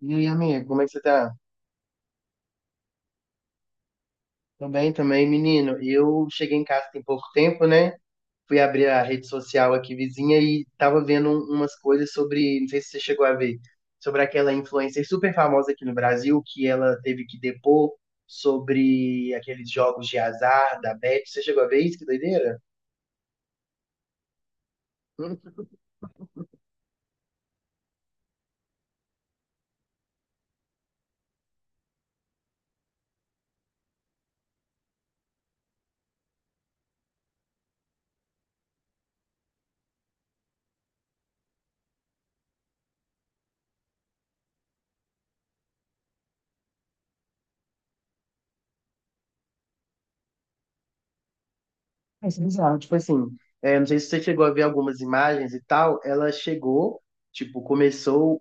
E aí, amiga, como é que você tá? Tô bem também, menino. Eu cheguei em casa tem pouco tempo, né? Fui abrir a rede social aqui vizinha e tava vendo umas coisas sobre, não sei se você chegou a ver, sobre aquela influencer super famosa aqui no Brasil, que ela teve que depor sobre aqueles jogos de azar da Bet. Você chegou a ver isso? Que doideira? Hum, é bizarro. Tipo assim, é, não sei se você chegou a ver algumas imagens e tal, ela chegou, tipo, começou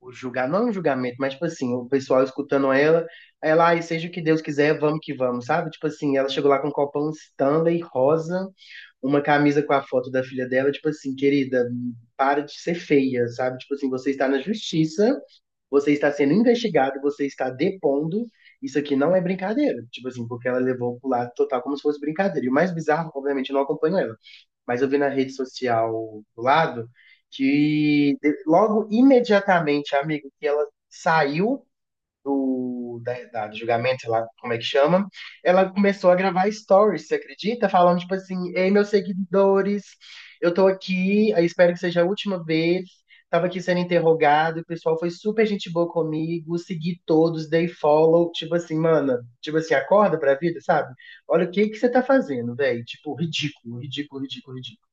o julgar, não é um julgamento, mas tipo assim, o pessoal escutando ela, aí ela, ai, seja o que Deus quiser, vamos que vamos, sabe? Tipo assim, ela chegou lá com um copão Stanley rosa, uma camisa com a foto da filha dela, tipo assim, querida, para de ser feia, sabe? Tipo assim, você está na justiça, você está sendo investigado, você está depondo. Isso aqui não é brincadeira. Tipo assim, porque ela levou pro lado total como se fosse brincadeira. E o mais bizarro, obviamente, eu não acompanho ela. Mas eu vi na rede social do lado que logo imediatamente, amigo, que ela saiu do julgamento, sei lá como é que chama, ela começou a gravar stories, você acredita? Falando tipo assim, ei, meus seguidores, eu tô aqui, eu espero que seja a última vez. Tava aqui sendo interrogado, o pessoal foi super gente boa comigo, segui todos, dei follow, tipo assim, mana, tipo assim, acorda pra vida, sabe? Olha o que que você tá fazendo, velho. Tipo, ridículo, ridículo, ridículo, ridículo.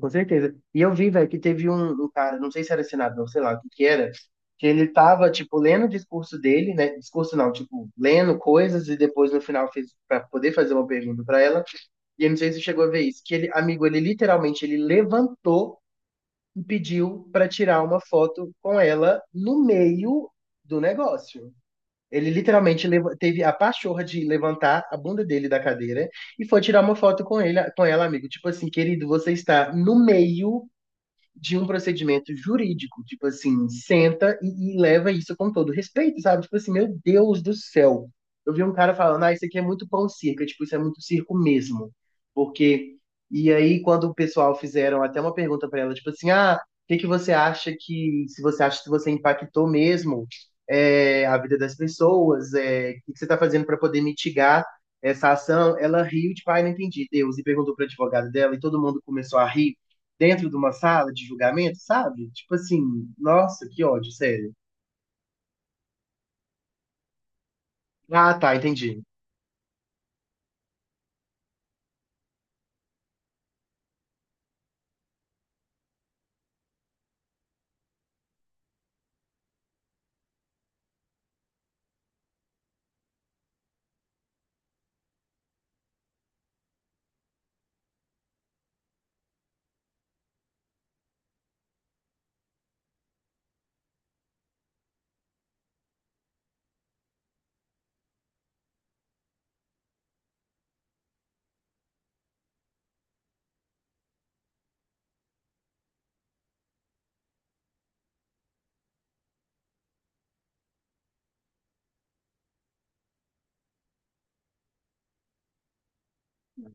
Com certeza. E eu vi, velho, que teve um cara, não sei se era senador, sei lá o que que era, que ele tava, tipo, lendo o discurso dele, né? Discurso não, tipo, lendo coisas e depois no final fez pra poder fazer uma pergunta pra ela. E eu não sei se você chegou a ver isso, que ele, amigo, ele literalmente, ele levantou e pediu pra tirar uma foto com ela no meio do negócio. Ele literalmente teve a pachorra de levantar a bunda dele da cadeira e foi tirar uma foto com ele, com ela, amigo. Tipo assim, querido, você está no meio de um procedimento jurídico. Tipo assim, senta e leva isso com todo respeito, sabe? Tipo assim, meu Deus do céu. Eu vi um cara falando, ah, isso aqui é muito pão circo, é tipo, isso é muito circo mesmo. Porque. E aí, quando o pessoal fizeram até uma pergunta para ela, tipo assim, ah, o que que você acha que, se você acha que você impactou mesmo, é, a vida das pessoas, é, o que que você está fazendo para poder mitigar essa ação? Ela riu, tipo, ai, não entendi, Deus, e perguntou para advogado dela, e todo mundo começou a rir dentro de uma sala de julgamento, sabe? Tipo assim, nossa, que ódio, sério. Ah, tá, entendi.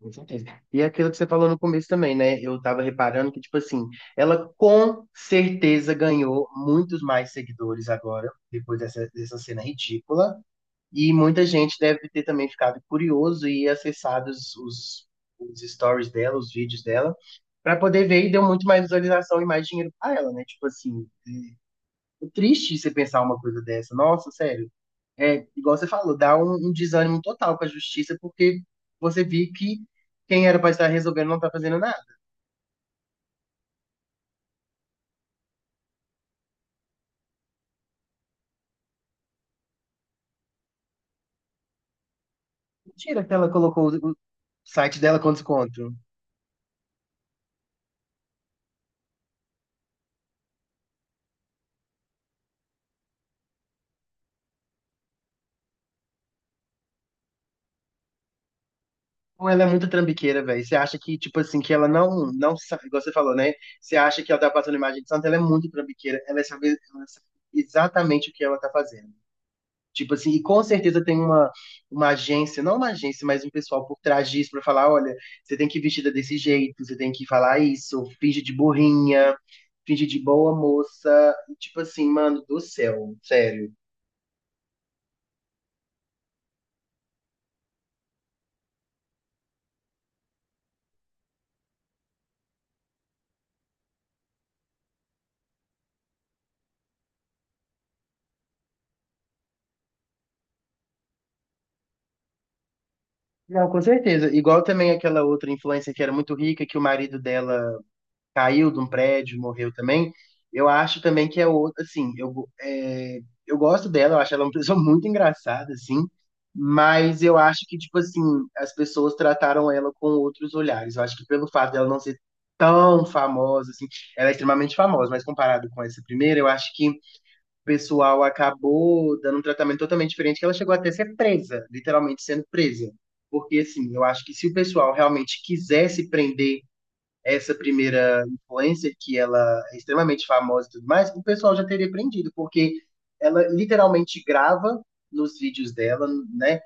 Com certeza. E é aquilo que você falou no começo também, né? Eu tava reparando que, tipo assim, ela com certeza ganhou muitos mais seguidores agora, depois dessa, dessa cena ridícula. E muita gente deve ter também ficado curioso e acessado os stories dela, os vídeos dela, pra poder ver e deu muito mais visualização e mais dinheiro pra ela, né? Tipo assim, é triste você pensar uma coisa dessa. Nossa, sério. É, igual você falou, dá um desânimo total com a justiça, porque você vê que quem era para estar resolvendo não tá fazendo nada. Mentira que ela colocou o site dela com desconto. Ou ela é muito trambiqueira, velho. Você acha que, tipo assim, que ela não sabe, igual você falou, né? Você acha que ela tá passando imagem de santa, ela é muito trambiqueira. Ela sabe exatamente o que ela tá fazendo. Tipo assim, e com certeza tem uma agência, não uma agência, mas um pessoal por trás disso pra falar, olha, você tem que ir vestida desse jeito, você tem que falar isso, finge de burrinha, finge de boa moça, tipo assim, mano, do céu, sério. Não, com certeza. Igual também aquela outra influencer que era muito rica, que o marido dela caiu de um prédio, morreu também. Eu acho também que é outra, assim, eu gosto dela, eu acho ela uma pessoa muito engraçada, assim, mas eu acho que, tipo assim, as pessoas trataram ela com outros olhares. Eu acho que pelo fato dela não ser tão famosa, assim, ela é extremamente famosa, mas comparado com essa primeira, eu acho que o pessoal acabou dando um tratamento totalmente diferente, que ela chegou até a ser presa, literalmente sendo presa. Porque, assim, eu acho que se o pessoal realmente quisesse prender essa primeira influencer, que ela é extremamente famosa e tudo mais, o pessoal já teria aprendido, porque ela literalmente grava nos vídeos dela, né?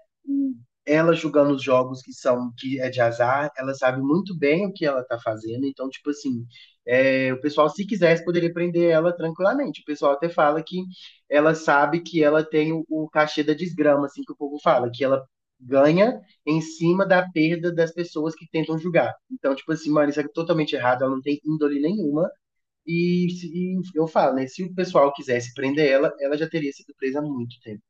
Ela jogando os jogos que são que é de azar, ela sabe muito bem o que ela tá fazendo, então, tipo assim, é, o pessoal, se quisesse, poderia prender ela tranquilamente. O pessoal até fala que ela sabe que ela tem o cachê da desgrama, assim que o povo fala, que ela ganha em cima da perda das pessoas que tentam julgar. Então, tipo assim, mano, isso é totalmente errado, ela não tem índole nenhuma. E eu falo, né? Se o pessoal quisesse prender ela, ela já teria sido presa há muito tempo.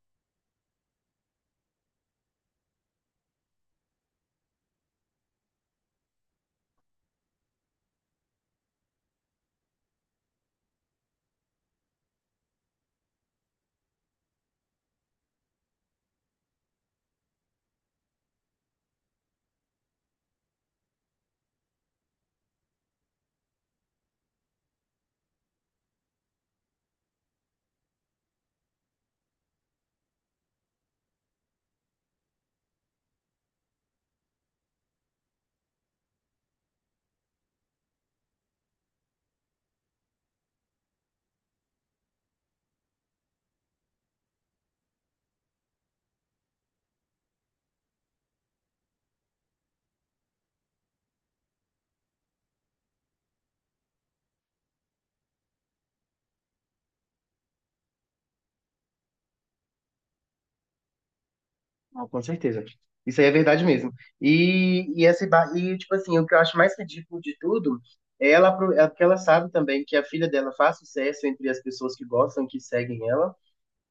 Ah, com certeza. Isso aí é verdade mesmo. E, tipo assim, o que eu acho mais ridículo de tudo é ela, é porque ela sabe também que a filha dela faz sucesso entre as pessoas que gostam, que seguem ela,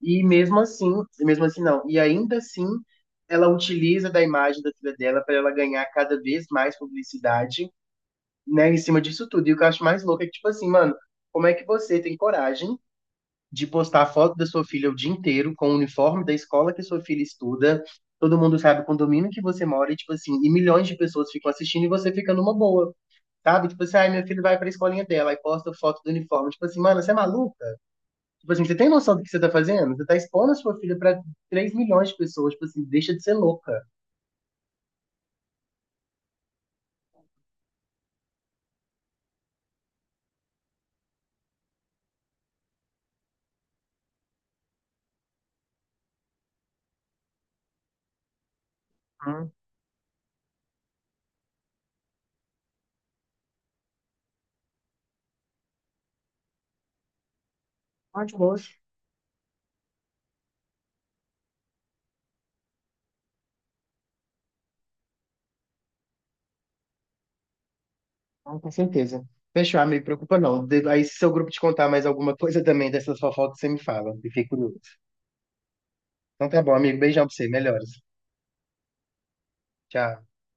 e mesmo assim não, e ainda assim, ela utiliza da imagem da filha dela para ela ganhar cada vez mais publicidade, né, em cima disso tudo. E o que eu acho mais louco é que, tipo assim, mano, como é que você tem coragem? De postar foto da sua filha o dia inteiro com o uniforme da escola que sua filha estuda. Todo mundo sabe o condomínio que você mora, e, tipo assim, e milhões de pessoas ficam assistindo e você fica numa boa, sabe? Tipo assim, ai, minha filha vai pra escolinha dela, e posta foto do uniforme. Tipo assim, mano, você é maluca? Tipo assim, você tem noção do que você tá fazendo? Você tá expondo a sua filha pra 3 milhões de pessoas, tipo assim, deixa de ser louca. Hum, tá de boas. Com certeza. Fechou, ah, me preocupa não. Aí se seu grupo te contar mais alguma coisa também dessas fofocas, você me fala. Fiquei curioso. Então tá bom, amigo. Beijão pra você. Melhoras. Tchau.